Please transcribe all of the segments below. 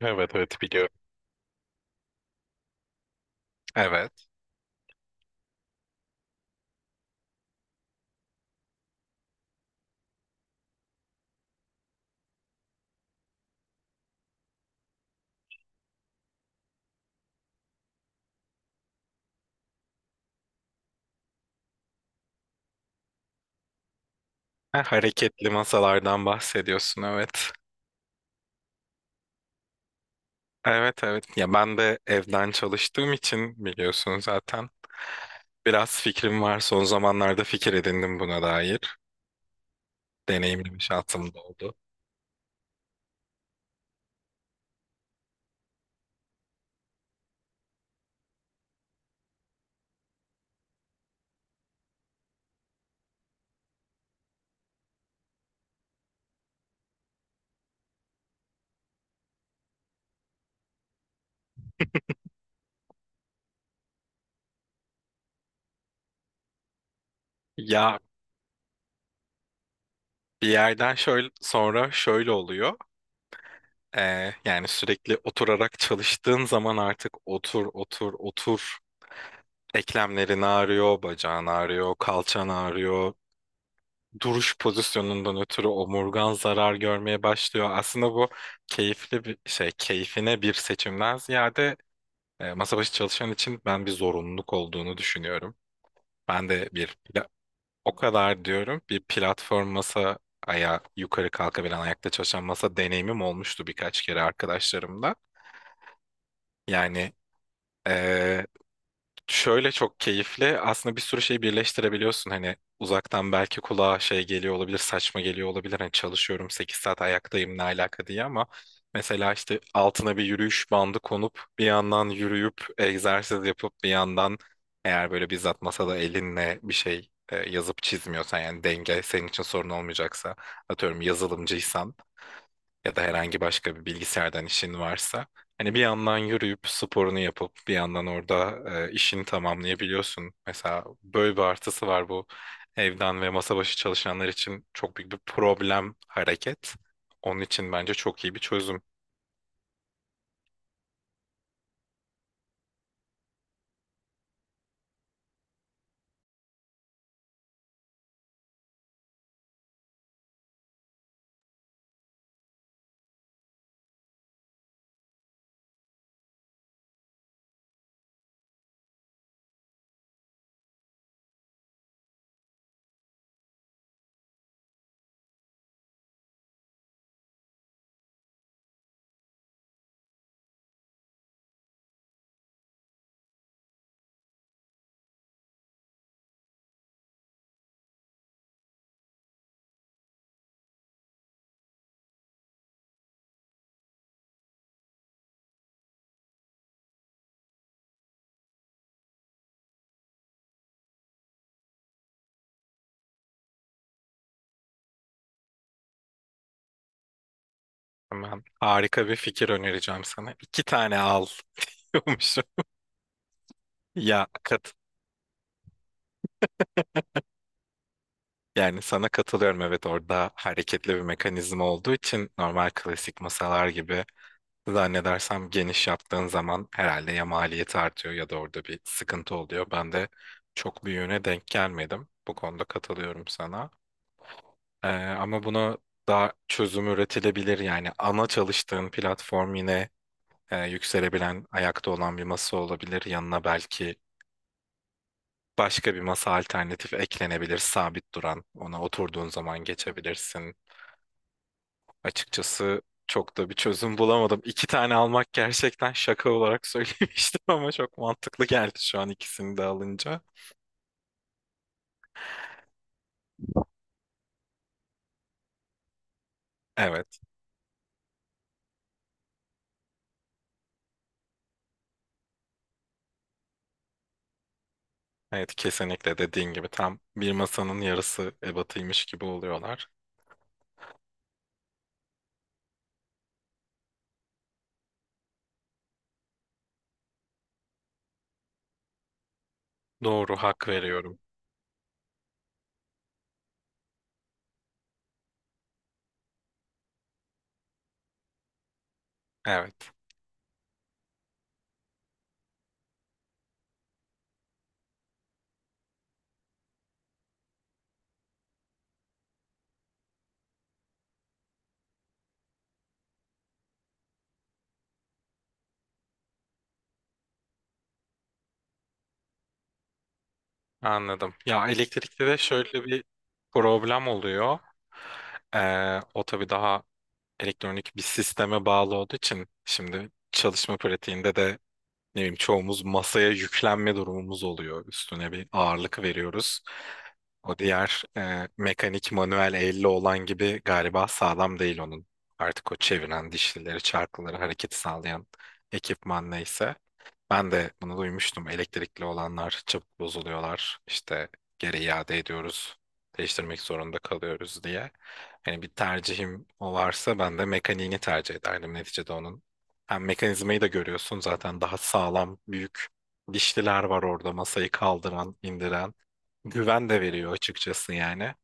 Evet evet, biliyorum. Evet. Ha, hareketli masalardan bahsediyorsun, evet. Evet evet. Ya ben de evden çalıştığım için biliyorsun zaten. Biraz fikrim var. Son zamanlarda fikir edindim buna dair. Deneyimli bir şansım da oldu. Ya bir yerden şöyle sonra şöyle oluyor. Yani sürekli oturarak çalıştığın zaman artık otur otur otur. Eklemlerin ağrıyor, bacağın ağrıyor, kalçan ağrıyor. Duruş pozisyonundan ötürü omurgan zarar görmeye başlıyor. Aslında bu keyifli bir şey, keyfine bir seçimden ziyade masa başı çalışan için ben bir zorunluluk olduğunu düşünüyorum. Ben de bir pla- O kadar diyorum, bir platform masa, ayağı yukarı kalkabilen, ayakta çalışan masa deneyimim olmuştu birkaç kere arkadaşlarımla. Yani e, şöyle çok keyifli. Aslında bir sürü şey birleştirebiliyorsun. Hani uzaktan belki kulağa şey geliyor olabilir, saçma geliyor olabilir. Hani çalışıyorum 8 saat ayaktayım, ne alaka diye, ama mesela işte altına bir yürüyüş bandı konup bir yandan yürüyüp egzersiz yapıp bir yandan, eğer böyle bizzat masada elinle bir şey yazıp çizmiyorsan, yani denge senin için sorun olmayacaksa, atıyorum yazılımcıysan ya da herhangi başka bir bilgisayardan işin varsa, hani bir yandan yürüyüp sporunu yapıp bir yandan orada işini tamamlayabiliyorsun. Mesela böyle bir artısı var bu. Evden ve masa başı çalışanlar için çok büyük bir problem hareket. Onun için bence çok iyi bir çözüm. Hemen harika bir fikir önereceğim sana. İki tane al diyormuşum. Ya kat Yani sana katılıyorum, evet, orada hareketli bir mekanizma olduğu için normal klasik masalar gibi, zannedersem geniş yaptığın zaman herhalde ya maliyeti artıyor ya da orada bir sıkıntı oluyor. Ben de çok büyüğüne denk gelmedim. Bu konuda katılıyorum sana. Ama buna daha çözüm üretilebilir. Yani ana çalıştığın platform yine yükselebilen, ayakta olan bir masa olabilir. Yanına belki başka bir masa alternatif eklenebilir, sabit duran. Ona oturduğun zaman geçebilirsin. Açıkçası çok da bir çözüm bulamadım. İki tane almak gerçekten şaka olarak söylemiştim ama çok mantıklı geldi şu an ikisini de alınca. Evet, evet, kesinlikle dediğin gibi tam bir masanın yarısı ebatıymış gibi oluyorlar. Doğru, hak veriyorum. Evet, anladım. Ya elektrikte de şöyle bir problem oluyor. O tabii daha elektronik bir sisteme bağlı olduğu için, şimdi çalışma pratiğinde de ne bileyim çoğumuz masaya yüklenme durumumuz oluyor. Üstüne bir ağırlık veriyoruz. O diğer mekanik, manuel, elle olan gibi galiba sağlam değil onun. Artık o çeviren dişlileri, çarkları hareket sağlayan ekipman neyse. Ben de bunu duymuştum. Elektrikli olanlar çabuk bozuluyorlar. İşte geri iade ediyoruz. Değiştirmek zorunda kalıyoruz diye. Hani bir tercihim o varsa ben de mekaniğini tercih ederdim. Neticede onun, hem mekanizmayı da görüyorsun zaten, daha sağlam, büyük dişliler var orada masayı kaldıran, indiren. Güven de veriyor açıkçası yani.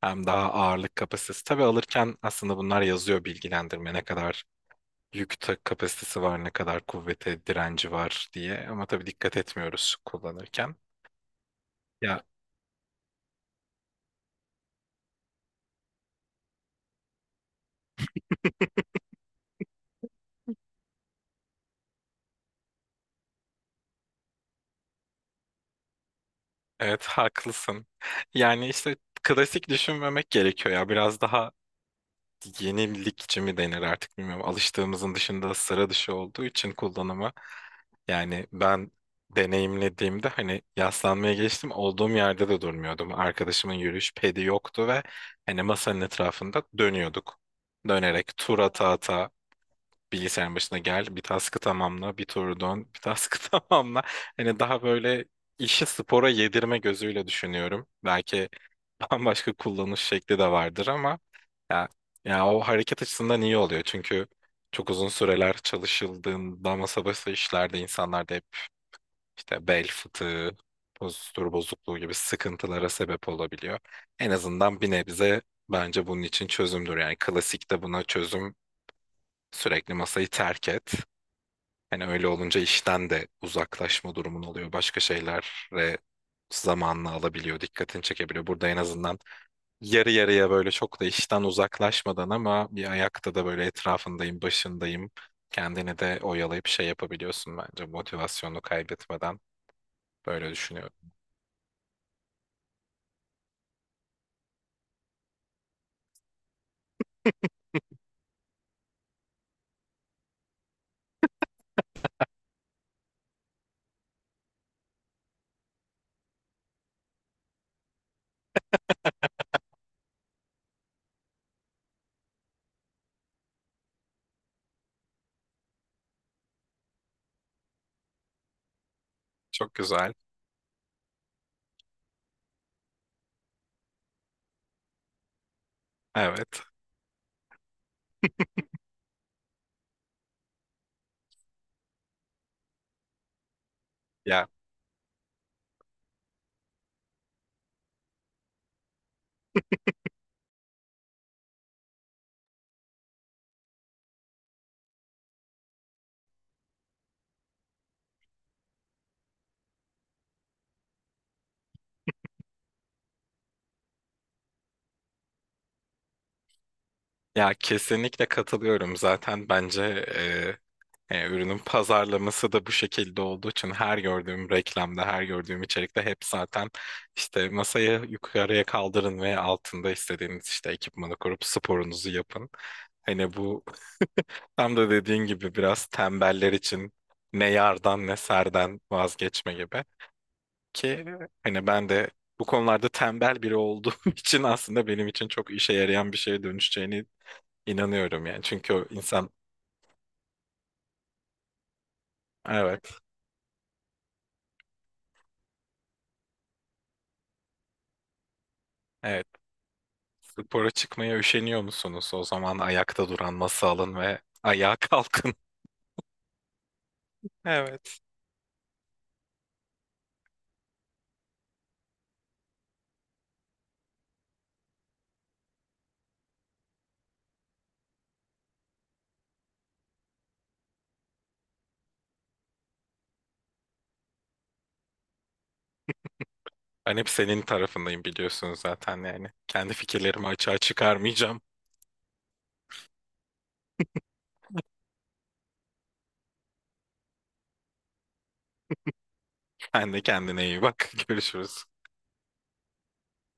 Hem daha ağırlık kapasitesi. Tabii alırken aslında bunlar yazıyor bilgilendirme, ne kadar kapasitesi var, ne kadar kuvvete direnci var diye. Ama tabii dikkat etmiyoruz kullanırken. Ya evet, haklısın. Yani işte klasik düşünmemek gerekiyor ya. Biraz daha yenilikçi mi denir artık, bilmiyorum. Alıştığımızın dışında, sıra dışı olduğu için kullanımı. Yani ben deneyimlediğimde, hani yaslanmaya geçtim, olduğum yerde de durmuyordum. Arkadaşımın yürüyüş pedi yoktu ve hani masanın etrafında dönüyorduk. Dönerek tur ata ata bilgisayarın başına gel, bir task'ı tamamla, bir turu dön, bir task'ı tamamla. Hani daha böyle işi spora yedirme gözüyle düşünüyorum. Belki bambaşka kullanış şekli de vardır ama ya, ya o hareket açısından iyi oluyor çünkü çok uzun süreler çalışıldığında masa başı işlerde insanlarda hep işte bel fıtığı, postür bozukluğu gibi sıkıntılara sebep olabiliyor. En azından bir nebze bence bunun için çözümdür. Yani klasikte buna çözüm sürekli masayı terk et. Hani öyle olunca işten de uzaklaşma durumun oluyor. Başka şeylere zamanını alabiliyor, dikkatini çekebiliyor. Burada en azından yarı yarıya, böyle çok da işten uzaklaşmadan ama bir ayakta da, böyle etrafındayım, başındayım. Kendini de oyalayıp şey yapabiliyorsun bence motivasyonunu kaybetmeden. Böyle düşünüyorum. Çok güzel. Evet. Ya ya kesinlikle katılıyorum. Zaten bence ürünün pazarlaması da bu şekilde olduğu için her gördüğüm reklamda, her gördüğüm içerikte hep zaten işte masayı yukarıya kaldırın ve altında istediğiniz işte ekipmanı kurup sporunuzu yapın. Hani bu Tam da dediğin gibi biraz tembeller için ne yardan ne serden vazgeçme gibi. Ki hani ben de bu konularda tembel biri olduğum için aslında benim için çok işe yarayan bir şeye dönüşeceğini inanıyorum yani. Çünkü o insan evet evet spora çıkmaya üşeniyor musunuz? O zaman ayakta duran masa alın ve ayağa kalkın. Evet. Ben hep senin tarafındayım, biliyorsunuz zaten yani. Kendi fikirlerimi açığa çıkarmayacağım. Sen de kendine iyi bak. Görüşürüz.